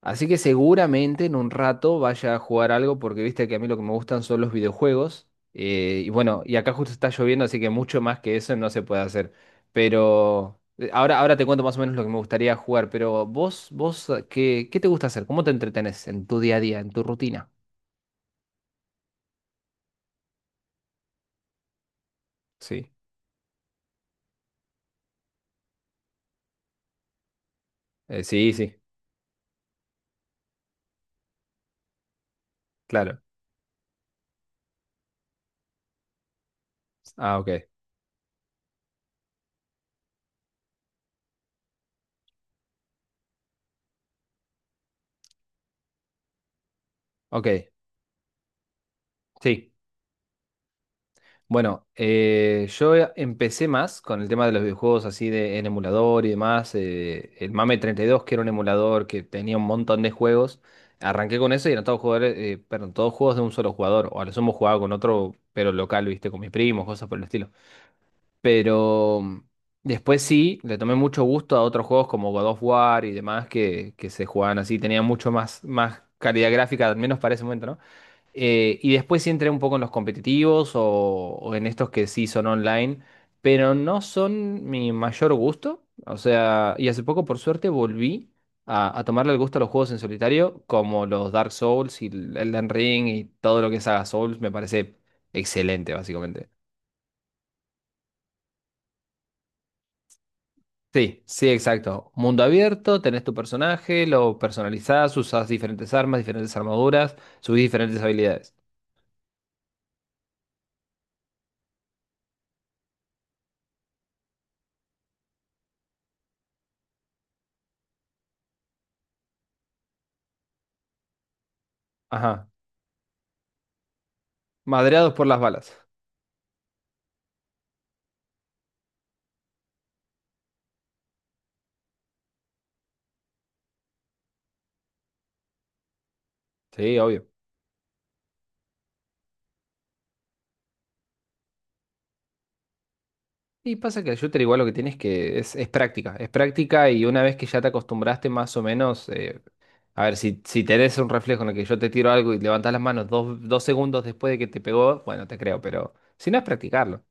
Así que seguramente en un rato vaya a jugar algo porque viste que a mí lo que me gustan son los videojuegos. Y bueno, y acá justo está lloviendo, así que mucho más que eso no se puede hacer. Pero ahora te cuento más o menos lo que me gustaría jugar. Pero vos, qué te gusta hacer? ¿Cómo te entretenés en tu día a día, en tu rutina? Sí. Sí, sí, claro. Ah, ok. Ok. Sí. Bueno, yo empecé más con el tema de los videojuegos así de, en emulador y demás. El MAME 32, que era un emulador que tenía un montón de juegos. Arranqué con eso y eran todos jugadores, perdón, todos juegos de un solo jugador. O a lo sumo jugaba con otro, pero local, viste, con mis primos, cosas por el estilo. Pero mm, Después sí, le tomé mucho gusto a otros juegos como God of War y demás que se jugaban así. Tenían mucho más, más calidad gráfica, al menos para ese momento, ¿no? Y después sí entré un poco en los competitivos o en estos que sí son online, pero no son mi mayor gusto. O sea, y hace poco, por suerte, volví a tomarle el gusto a los juegos en solitario, como los Dark Souls y el Elden Ring y todo lo que es Saga Souls, me parece excelente, básicamente. Sí, sí, exacto. Mundo abierto, tenés tu personaje, lo personalizás, usás diferentes armas, diferentes armaduras, subís diferentes habilidades. Ajá. Madreados por las balas. Sí, obvio. Y pasa que el shooter igual lo que tienes que es práctica y una vez que ya te acostumbraste más o menos, a ver, si tenés un reflejo en el que yo te tiro algo y levantás las manos dos segundos después de que te pegó, bueno, te creo, pero si no es practicarlo,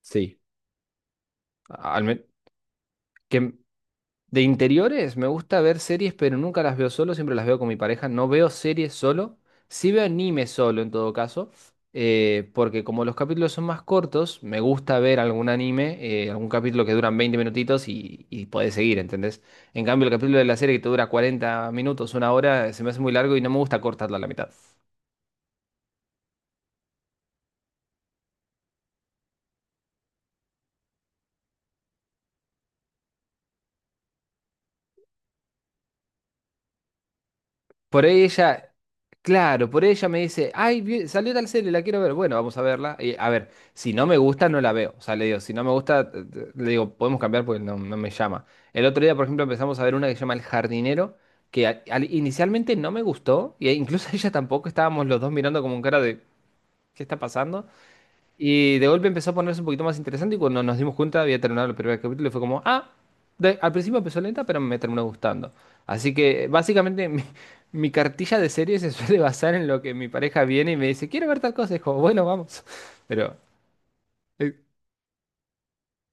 sí. Al men- que, De interiores, me gusta ver series, pero nunca las veo solo, siempre las veo con mi pareja. No veo series solo, sí veo anime solo en todo caso, porque como los capítulos son más cortos, me gusta ver algún anime, algún capítulo que duran 20 minutitos y podés seguir, ¿entendés? En cambio, el capítulo de la serie que te dura 40 minutos, una hora, se me hace muy largo y no me gusta cortarlo a la mitad. Por ahí ella, claro, por ahí ella me dice, ay, salió tal serie, la quiero ver. Bueno, vamos a verla. Y, a ver, si no me gusta, no la veo. O sea, le digo, si no me gusta, le digo, podemos cambiar porque no, no me llama. El otro día, por ejemplo, empezamos a ver una que se llama El Jardinero, que inicialmente no me gustó, y e incluso ella tampoco, estábamos los dos mirando como un cara de, ¿qué está pasando? Y de golpe empezó a ponerse un poquito más interesante y cuando nos dimos cuenta había terminado el primer capítulo y fue como, ah, al principio empezó lenta, pero me terminó gustando. Así que básicamente mi cartilla de series se suele basar en lo que mi pareja viene y me dice, quiero ver tal cosa. Y es como, bueno, vamos. Pero eh,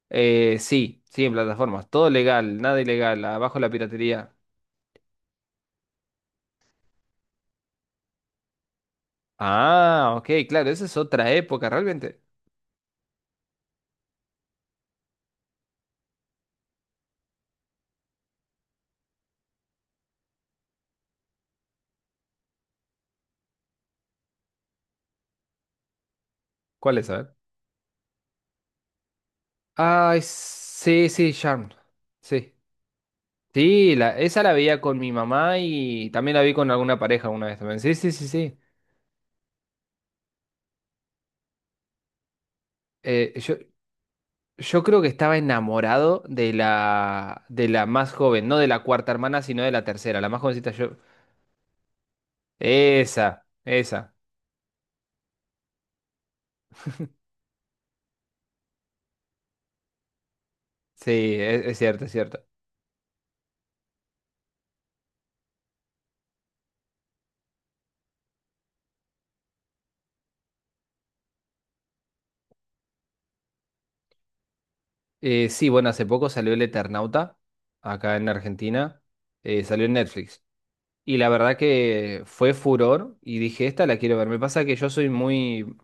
sí, sí, en plataformas. Todo legal, nada ilegal, abajo la piratería. Ah, ok, claro, esa es otra época realmente. ¿Cuál es? A ver. Ay, sí, sí, Charmed. Sí. Sí, la, esa la veía con mi mamá y también la vi con alguna pareja una vez también. Sí, sí, sí, sí. Eh, yo, yo creo que estaba enamorado de la más joven, no de la cuarta hermana, sino de la tercera, la más jovencita yo. Esa, esa. Sí, es, cierto, es cierto. Sí, bueno, hace poco salió El Eternauta, acá en Argentina. Salió en Netflix. Y la verdad que fue furor y dije, esta la quiero ver. Me pasa que yo soy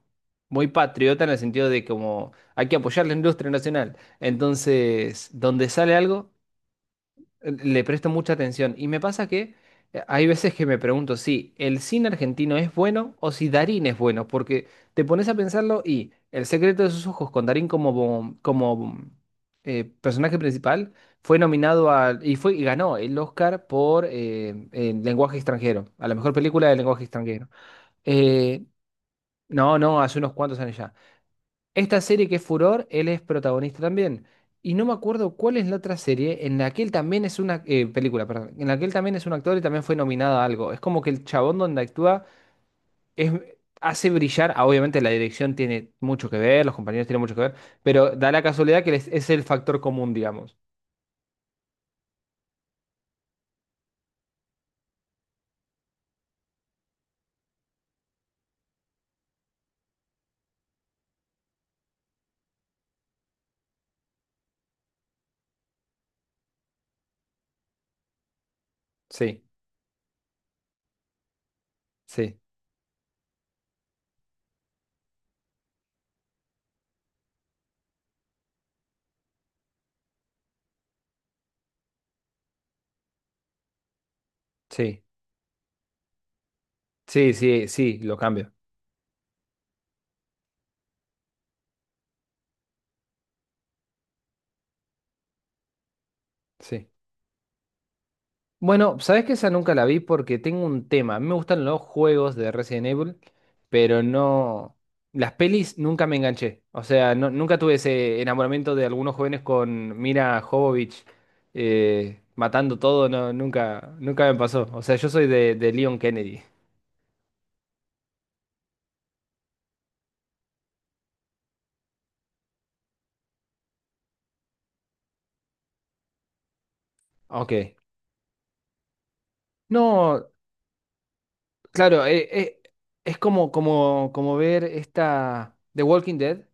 muy patriota en el sentido de como hay que apoyar la industria nacional. Entonces, donde sale algo, le presto mucha atención. Y me pasa que hay veces que me pregunto si el cine argentino es bueno o si Darín es bueno, porque te pones a pensarlo y El secreto de sus ojos con Darín como, personaje principal fue nominado al y fue y ganó el Oscar por el lenguaje extranjero, a la mejor película de lenguaje extranjero. Eh, no, no, hace unos cuantos años ya. Esta serie que es Furor, él es protagonista también. Y no me acuerdo cuál es la otra serie en la que él también es una película, perdón, en la que él también es un actor y también fue nominado a algo. Es como que el chabón donde actúa es, hace brillar, ah, obviamente la dirección tiene mucho que ver, los compañeros tienen mucho que ver, pero da la casualidad que es el factor común, digamos. Sí, sí, sí, sí, sí, sí, lo cambio. Sí. Bueno, sabes que esa nunca la vi porque tengo un tema. A mí me gustan los juegos de Resident Evil, pero no. Las pelis nunca me enganché. O sea, nunca tuve ese enamoramiento de algunos jóvenes con Mira Jovovich matando todo. No, nunca, nunca me pasó. O sea, yo soy de Leon Kennedy. Ok. No, claro, es como ver esta The Walking Dead.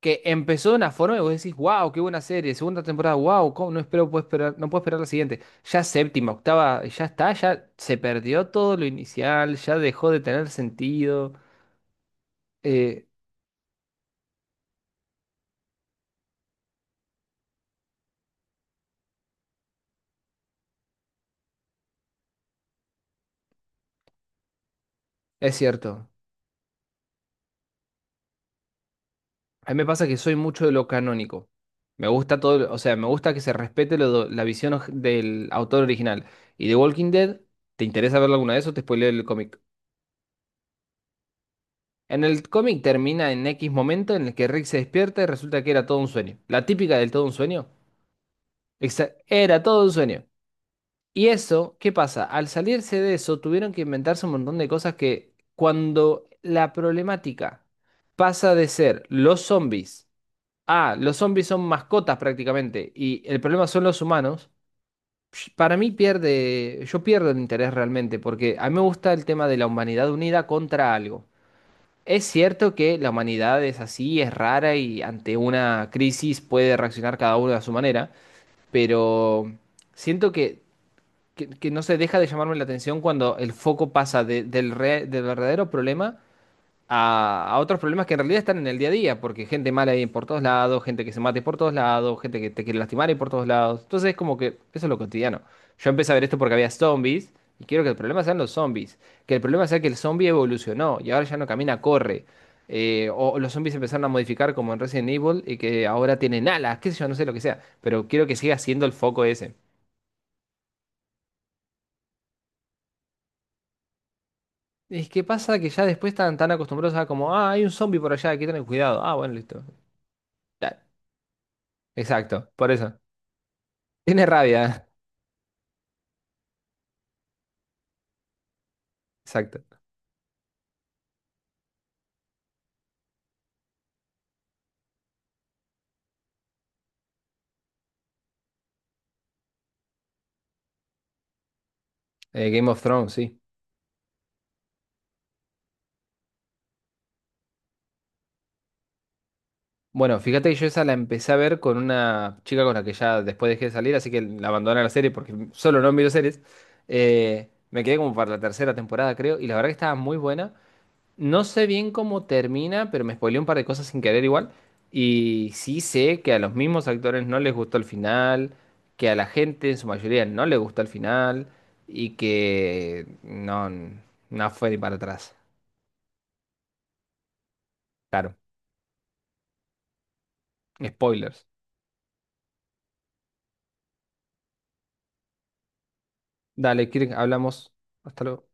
Que empezó de una forma y vos decís, wow, qué buena serie, segunda temporada, wow, ¿cómo? No espero, puedo esperar, no puedo esperar la siguiente. Ya séptima, octava, ya está, ya se perdió todo lo inicial, ya dejó de tener sentido. Eh, es cierto, a mí me pasa que soy mucho de lo canónico. Me gusta todo, o sea, me gusta que se respete la visión del autor original. Y The Walking Dead, ¿te interesa verlo alguna vez o te spoileo el cómic? En el cómic termina en X momento en el que Rick se despierta y resulta que era todo un sueño. La típica del todo un sueño. Era todo un sueño. Y eso, ¿qué pasa? Al salirse de eso, tuvieron que inventarse un montón de cosas que cuando la problemática pasa de ser los zombies a los zombies son mascotas prácticamente y el problema son los humanos, psh, para mí pierde, yo pierdo el interés realmente porque a mí me gusta el tema de la humanidad unida contra algo. Es cierto que la humanidad es así, es rara y ante una crisis puede reaccionar cada uno a su manera, pero siento que no se deja de llamarme la atención cuando el foco pasa del verdadero problema a otros problemas que en realidad están en el día a día, porque gente mala hay por todos lados, gente que se mate por todos lados, gente que te quiere lastimar hay por todos lados. Entonces es como que eso es lo cotidiano. Yo empecé a ver esto porque había zombies y quiero que el problema sean los zombies, que el problema sea que el zombie evolucionó y ahora ya no camina, corre. O los zombies empezaron a modificar como en Resident Evil y que ahora tienen alas, qué sé yo, no sé lo que sea, pero quiero que siga siendo el foco ese. Es que pasa que ya después están tan acostumbrados a como, ah, hay un zombie por allá, hay que tener cuidado. Ah, bueno, listo. Ya, exacto, por eso. Tiene rabia, exacto. Game of Thrones, sí. Bueno, fíjate que yo esa la empecé a ver con una chica con la que ya después dejé de salir, así que la abandoné la serie porque solo no miro series. Me quedé como para la tercera temporada, creo, y la verdad que estaba muy buena. No sé bien cómo termina, pero me spoileé un par de cosas sin querer igual. Y sí sé que a los mismos actores no les gustó el final, que a la gente en su mayoría no le gustó el final, y que no, no fue ni para atrás. Claro, spoilers. Dale, Kirk, hablamos. Hasta luego.